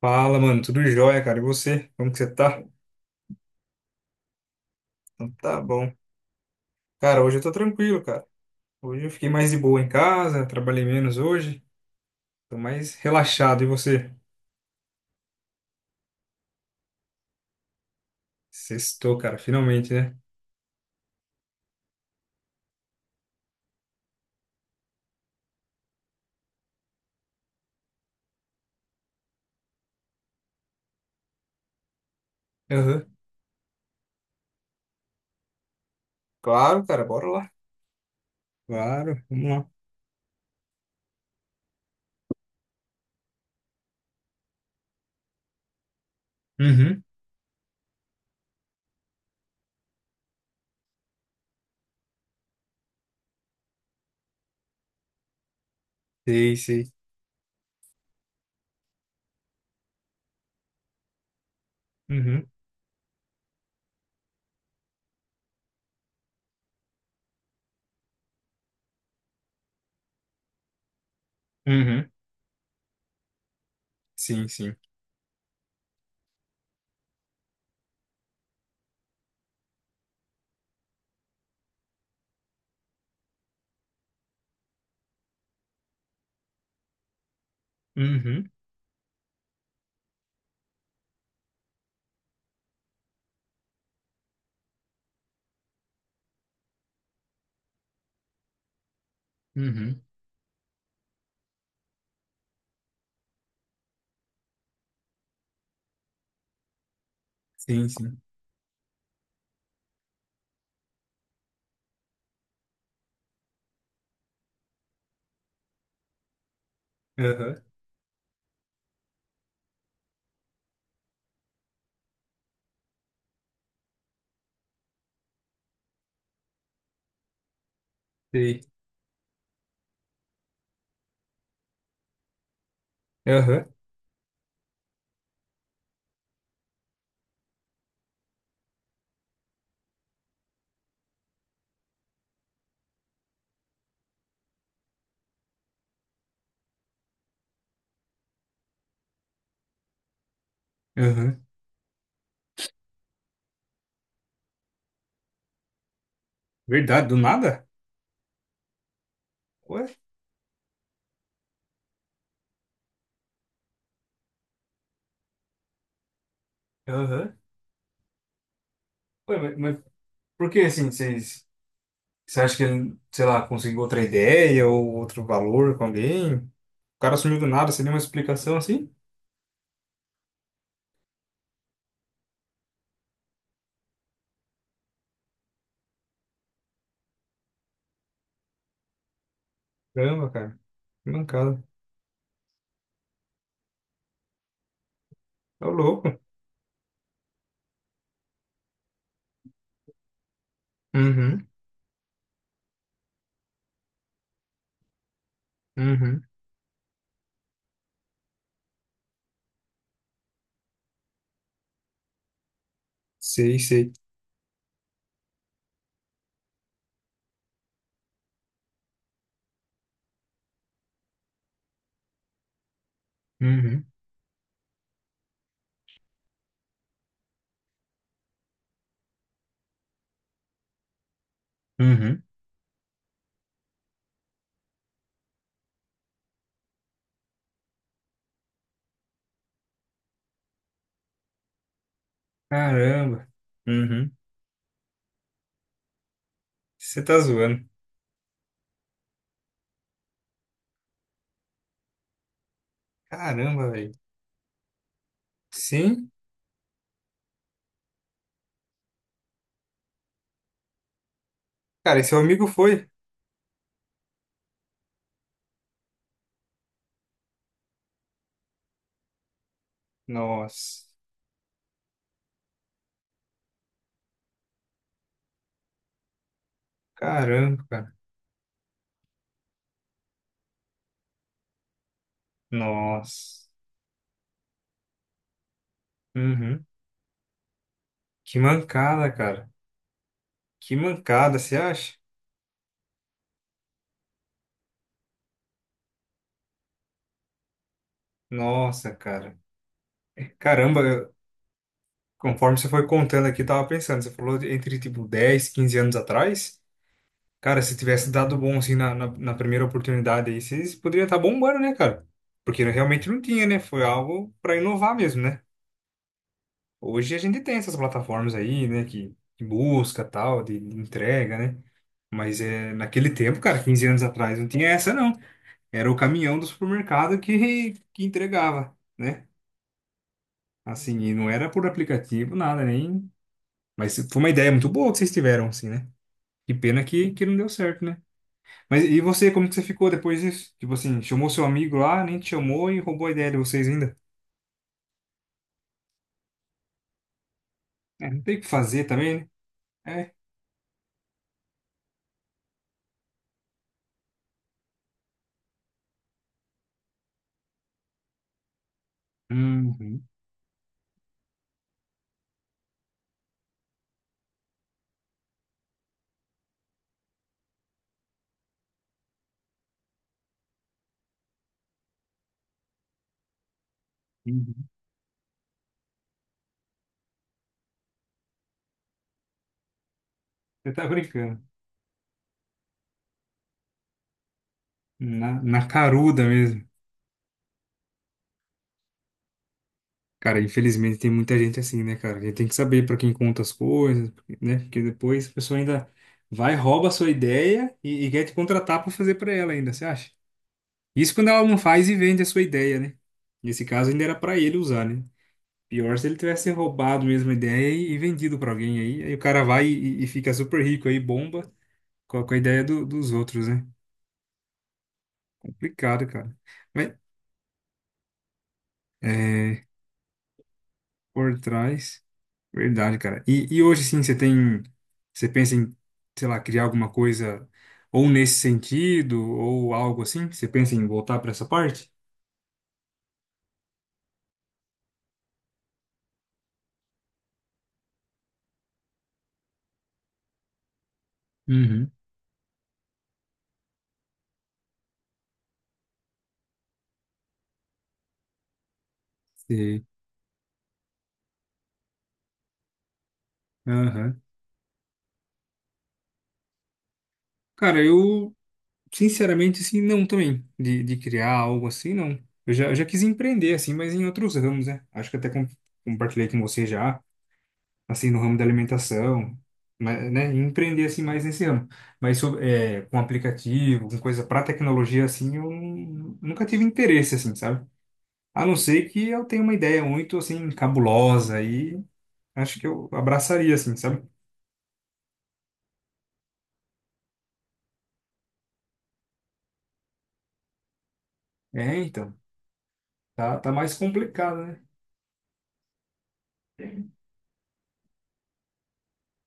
Fala, mano, tudo jóia, cara. E você? Como que você tá? Então tá bom. Cara, hoje eu tô tranquilo, cara. Hoje eu fiquei mais de boa em casa, trabalhei menos hoje, tô mais relaxado. E você? Sextou, cara, finalmente, né? Aham. Claro, cara, bora lá. Claro, vamos lá. Uhum. Sei, sei. Uhum. Uhum. Sim, sim. Uhum. Uhum. Sim, sim. Aham. Sei. Aham. Aham. Verdade, do nada? Ué? Aham. Ué, mas por que assim vocês. Você acha que ele, sei lá, conseguiu outra ideia ou outro valor com alguém? O cara sumiu do nada, você deu uma explicação assim? Caramba, cara. Que mancada. É o louco. Uhum, uhum. Sei, sei. Uhum, uhum. Caramba. Uhum. Você tá zoando. Caramba, velho. Sim? Cara, e seu amigo foi? Nossa. Caramba, cara. Nossa. Uhum. Que mancada, cara. Que mancada, você acha? Nossa, cara. Caramba. Conforme você foi contando aqui, eu tava pensando, você falou entre tipo 10, 15 anos atrás. Cara, se tivesse dado bom assim na primeira oportunidade aí, vocês poderiam estar bombando, né, cara? Porque realmente não tinha, né? Foi algo para inovar mesmo, né? Hoje a gente tem essas plataformas aí, né, que busca tal, de entrega, né? Mas é, naquele tempo, cara, 15 anos atrás, não tinha essa, não. Era o caminhão do supermercado que entregava, né? Assim, e não era por aplicativo, nada, nem. Mas foi uma ideia muito boa que vocês tiveram, assim, né? Que pena que não deu certo, né? Mas e você, como que você ficou depois disso? Tipo assim, chamou seu amigo lá, nem te chamou e roubou a ideia de vocês ainda. É, não tem o que fazer também, né? É. Uhum, uhum. Você tá brincando. Na caruda mesmo. Cara, infelizmente tem muita gente assim, né, cara? A gente tem que saber pra quem conta as coisas, né? Porque depois a pessoa ainda vai, rouba a sua ideia e quer te contratar pra fazer pra ela ainda, você acha? Isso quando ela não faz e vende a sua ideia, né? Nesse caso ainda era pra ele usar, né? Pior se ele tivesse roubado mesmo a ideia e vendido pra alguém aí. Aí o cara vai e fica super rico aí, bomba, com a ideia dos outros, né? Complicado, cara. Mas, é, por trás, verdade, cara. E hoje, sim, você tem, você pensa em, sei lá, criar alguma coisa ou nesse sentido, ou algo assim? Você pensa em voltar pra essa parte? Uhum. Sei. Aham. Cara, eu Sinceramente, assim, não também. De criar algo assim, não. Eu já quis empreender, assim, mas em outros ramos, né? Acho que até compartilhei com você já, assim, no ramo da alimentação, mas, né? Empreender, assim, mais nesse ramo. Mas sobre, é, com aplicativo, com coisa para tecnologia, assim, eu nunca tive interesse, assim, sabe? A não ser que eu tenha uma ideia muito, assim, cabulosa e acho que eu abraçaria, assim, sabe? É, então. Tá mais complicado, né?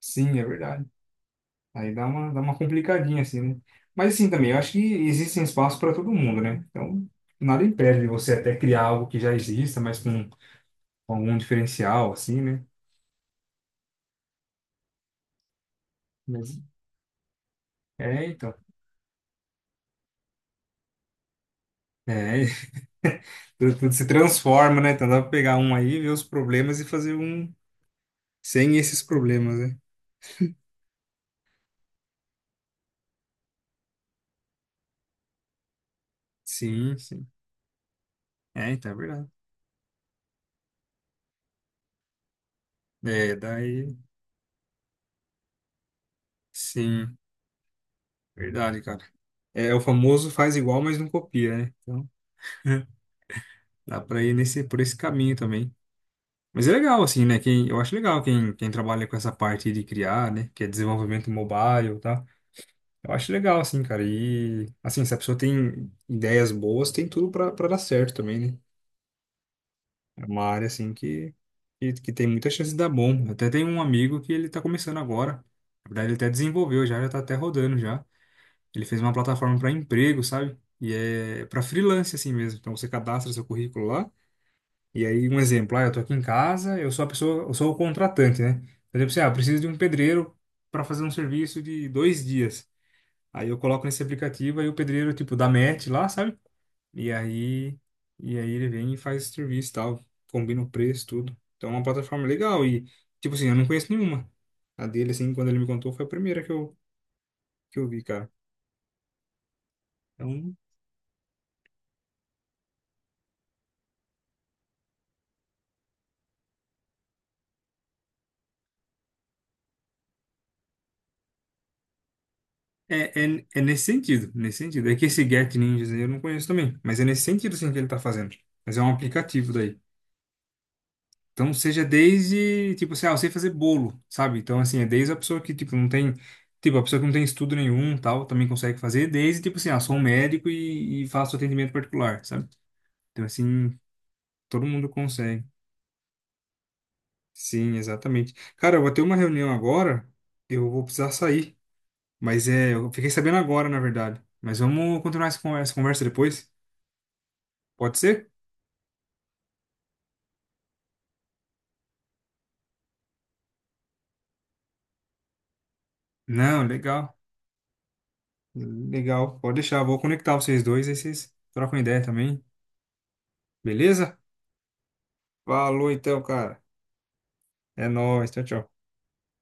Sim, é verdade. Aí dá uma complicadinha, assim, né? Mas assim também, eu acho que existem espaços para todo mundo, né? Então, nada impede de você até criar algo que já exista, mas com algum diferencial, assim, né? Mas, é, então. É, tudo, tudo se transforma, né? Então dá pra pegar um aí, ver os problemas e fazer um sem esses problemas, né? Sim, sim. É, então é verdade. É, daí, sim, verdade, cara. É o famoso faz igual, mas não copia, né? Então dá pra ir nesse, por esse caminho também. Mas é legal, assim, né? Eu acho legal quem trabalha com essa parte de criar, né? Que é desenvolvimento mobile, tá? Eu acho legal, assim, cara. E, assim, se a pessoa tem ideias boas, tem tudo pra dar certo também, né? É uma área, assim, que tem muita chance de dar bom. Eu Até tem um amigo que ele tá começando agora. Na verdade, ele até desenvolveu já. Já tá até rodando já. Ele fez uma plataforma para emprego, sabe? E é para freelance, assim mesmo. Então, você cadastra seu currículo lá. E aí, um exemplo, ah, eu tô aqui em casa, eu sou a pessoa, eu sou o contratante, né? Por exemplo, assim, ah, eu preciso de um pedreiro para fazer um serviço de 2 dias. Aí eu coloco nesse aplicativo, aí o pedreiro, tipo, dá match lá, sabe? E aí, e aí ele vem e faz o serviço e tal, combina o preço, tudo. Então é uma plataforma legal e, tipo assim, eu não conheço nenhuma. A dele, assim, quando ele me contou, foi a primeira que eu vi, cara. Então, é nesse sentido, nesse sentido. É que esse Get Ninjas aí eu não conheço também, mas é nesse sentido, assim, que ele tá fazendo. Mas é um aplicativo daí. Então, seja desde, tipo assim, ah, eu sei fazer bolo, sabe? Então, assim, é desde a pessoa que, tipo, não tem, tipo, a pessoa que não tem estudo nenhum, tal, também consegue fazer, desde, tipo assim, ah, sou um médico e faço atendimento particular, sabe? Então, assim, todo mundo consegue. Sim, exatamente. Cara, eu vou ter uma reunião agora, eu vou precisar sair, mas é, eu fiquei sabendo agora, na verdade. Mas vamos continuar essa conversa depois? Pode ser? Não, legal. Legal, pode deixar, vou conectar vocês dois, aí vocês trocam ideia também, beleza? Falou então, cara. É nóis. Tchau, tchau.